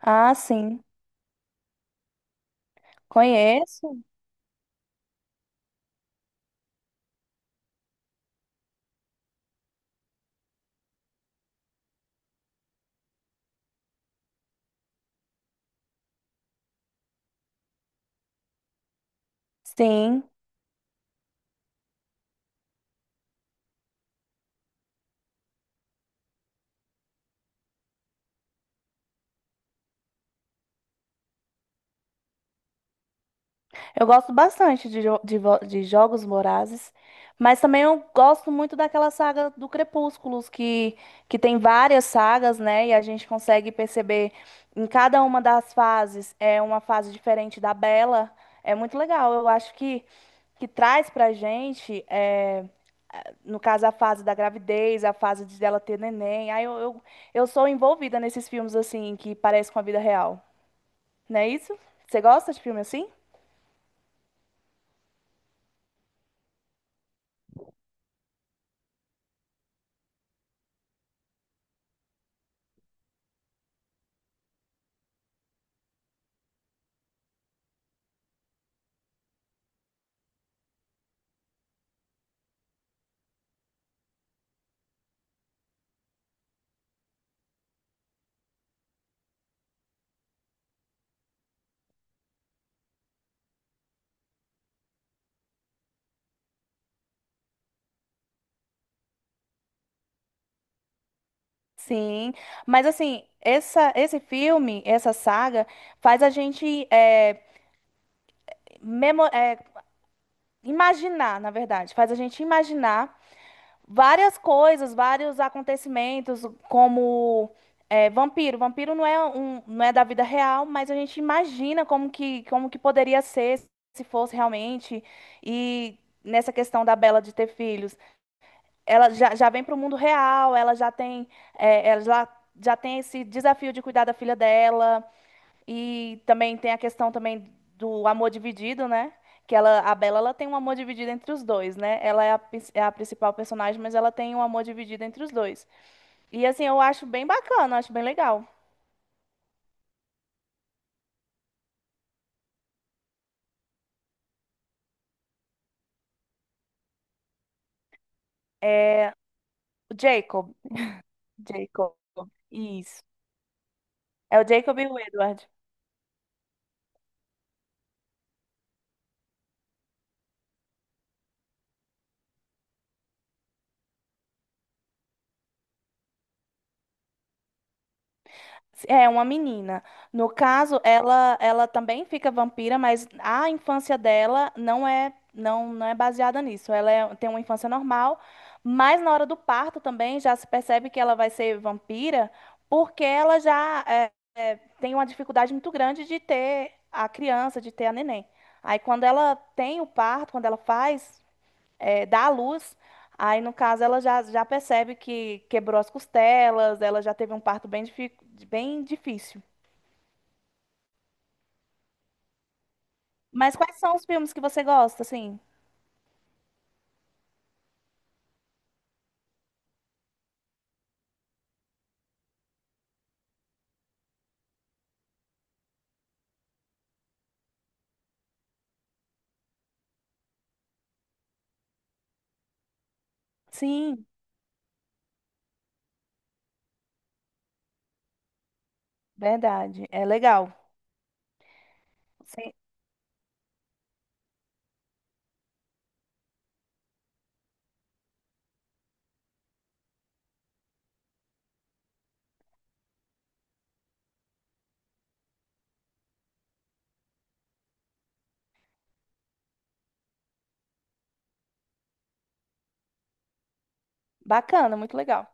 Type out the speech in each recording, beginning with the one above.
Ah, sim. Conheço. Sim. Eu gosto bastante de, jo- de, vo- de Jogos Vorazes, mas também eu gosto muito daquela saga do Crepúsculos, que tem várias sagas, né? E a gente consegue perceber em cada uma das fases é uma fase diferente da Bella. É muito legal. Que traz pra gente, é, no caso, a fase da gravidez, a fase de dela ter neném. Aí eu sou envolvida nesses filmes, assim, que parecem com a vida real. Não é isso? Você gosta de filme assim? Sim, mas assim, esse filme, essa saga, faz a gente memo- é, imaginar, na verdade, faz a gente imaginar várias coisas, vários acontecimentos, como é, vampiro. Vampiro não é da vida real, mas a gente imagina como que poderia ser se fosse realmente. E nessa questão da Bella de ter filhos. Ela já vem para o mundo real, ela já tem esse desafio de cuidar da filha dela e também tem a questão também do amor dividido, né? A Bella, ela tem um amor dividido entre os dois, né? Ela é a principal personagem, mas ela tem um amor dividido entre os dois. E assim, eu acho bem bacana, acho bem legal. É o Jacob, Jacob, isso. É o Jacob e o Edward. É uma menina. No caso, ela também fica vampira, mas a infância dela não não é baseada nisso. Ela é- tem uma infância normal, mas na hora do parto também já se percebe que ela vai ser vampira, porque ela tem uma dificuldade muito grande de ter a criança, de ter a neném. Aí quando ela tem o parto, quando ela faz dá à luz. Aí, no caso, ela já percebe que quebrou as costelas, ela já teve um parto bem difícil. Mas quais são os filmes que você gosta, assim? Sim, verdade. É legal. Sim, bacana, muito legal.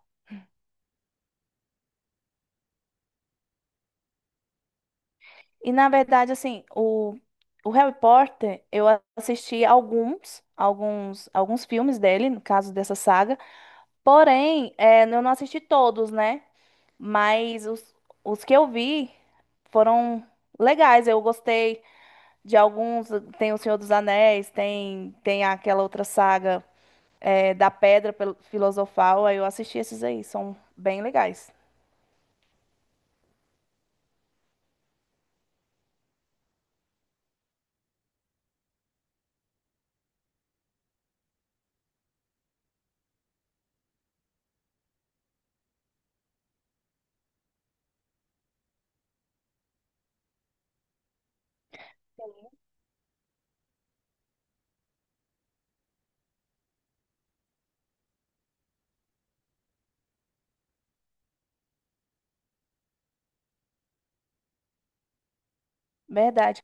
E, na verdade, o Harry Potter, eu assisti alguns filmes dele, no caso dessa saga. Porém, é, eu não assisti todos, né? Mas os que eu vi foram legais. Eu gostei de alguns. Tem O Senhor dos Anéis, tem aquela outra saga é, da Pedra Pel- Filosofal. Aí eu assisti esses aí, são bem legais. Verdade.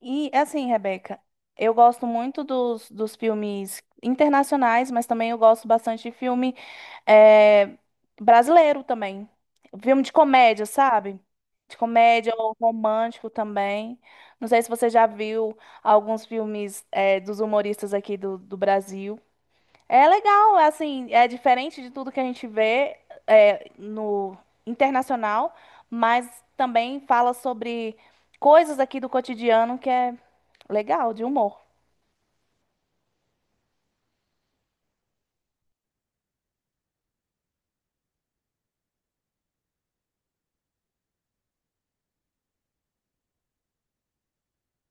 E assim, Rebeca, eu gosto muito dos filmes internacionais, mas também eu gosto bastante de filme eh, brasileiro também. Filme de comédia, sabe? De comédia ou romântico também. Não sei se você já viu alguns filmes dos humoristas aqui do Brasil. É legal, assim, é diferente de tudo que a gente vê é, no internacional, mas também fala sobre coisas aqui do cotidiano que é legal, de humor.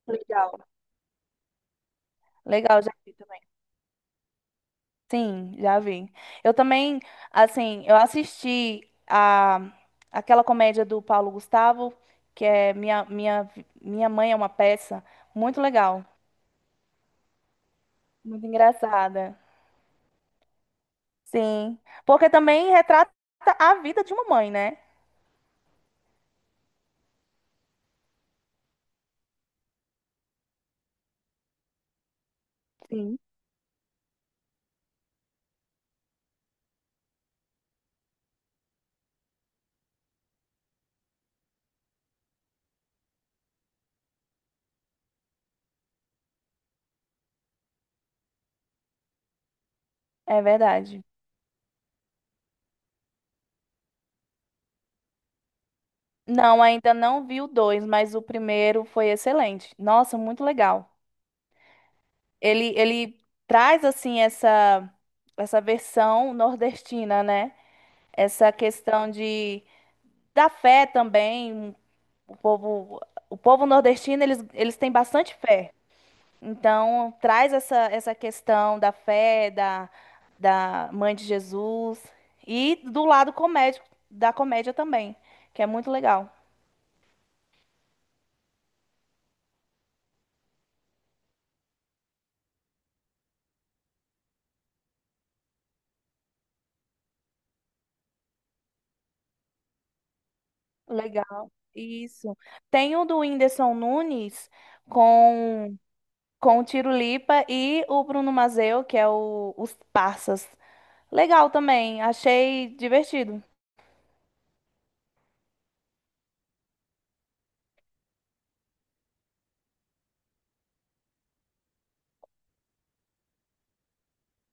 Legal. Legal, já vi também. Sim, já vi. Eu também, assim, eu assisti a aquela comédia do Paulo Gustavo, que é Minha Mãe é uma Peça, muito legal, muito engraçada. Sim. Porque também retrata a vida de uma mãe, né? Sim. É verdade. Não, ainda não vi o dois, mas o primeiro foi excelente. Nossa, muito legal. Ele traz assim essa versão nordestina, né? Essa questão de da fé também. O povo o povo nordestino eles têm bastante fé. Então, traz essa questão da fé, da, da mãe de Jesus e do lado comédico, da comédia também, que é muito legal. Legal. Isso. Tem o do Whindersson Nunes com, com o Tiro Lipa e o Bruno Mazeu, que é o, os Parsas. Legal também, achei divertido.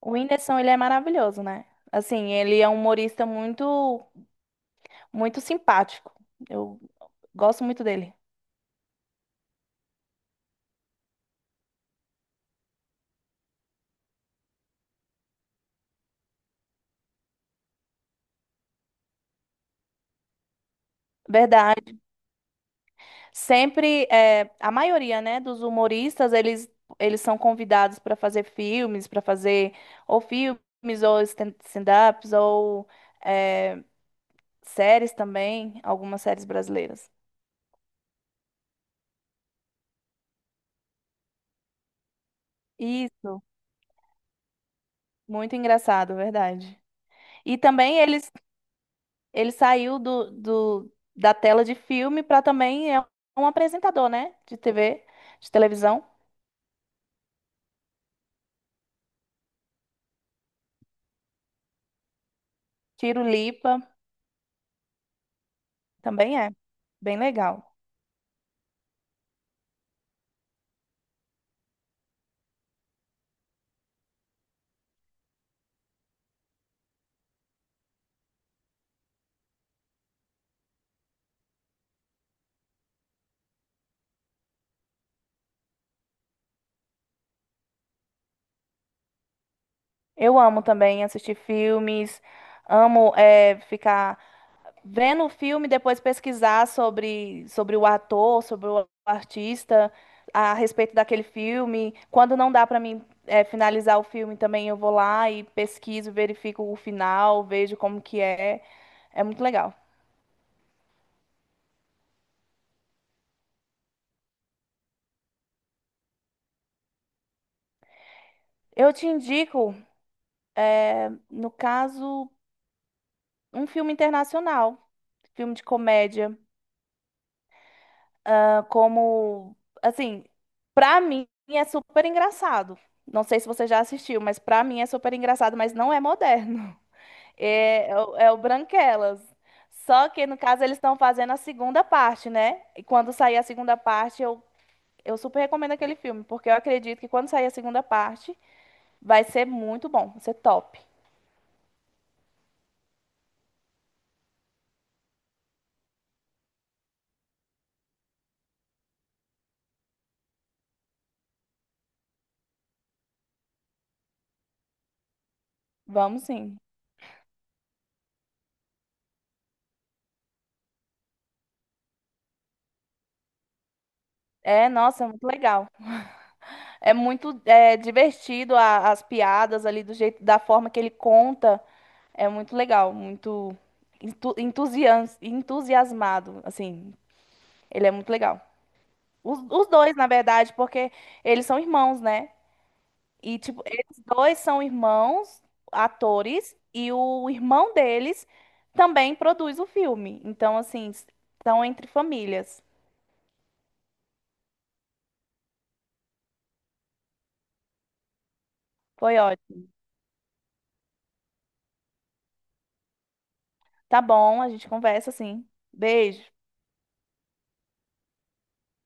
O Whindersson, ele é maravilhoso, né? Assim, ele é um humorista muito simpático. Eu gosto muito dele. Verdade. Sempre, é, a maioria, né, dos humoristas, eles são convidados para fazer filmes, para fazer ou filmes, ou stand-ups, ou é, séries também, algumas séries brasileiras. Isso, muito engraçado, verdade. E também eles, ele saiu da tela de filme para também é um apresentador, né, de TV, de televisão. Tiro Lipa também é bem legal. Eu amo também assistir filmes, amo é, ficar vendo o filme, depois pesquisar sobre o ator, sobre o artista, a respeito daquele filme. Quando não dá para mim é, finalizar o filme também, eu vou lá e pesquiso, verifico o final, vejo como que é. É muito legal. Eu te indico, no caso, um filme internacional, filme de comédia. Como, assim, pra mim é super engraçado. Não sei se você já assistiu, mas pra mim é super engraçado, mas não é moderno. É, é o Branquelas. Só que, no caso, eles estão fazendo a segunda parte, né? E quando sair a segunda parte, eu super recomendo aquele filme, porque eu acredito que quando sair a segunda parte, vai ser muito bom, vai ser top. Vamos sim. É, nossa, muito legal. É muito é, divertido a- as piadas ali do jeito, da forma que ele conta. É muito legal, muito entusiasmado, assim. Ele é muito legal. Os dois, na verdade, porque eles são irmãos, né? E, tipo, eles dois são irmãos, atores, e o irmão deles também produz o filme. Então, assim, estão entre famílias. Foi ótimo. Tá bom, a gente conversa, sim. Beijo.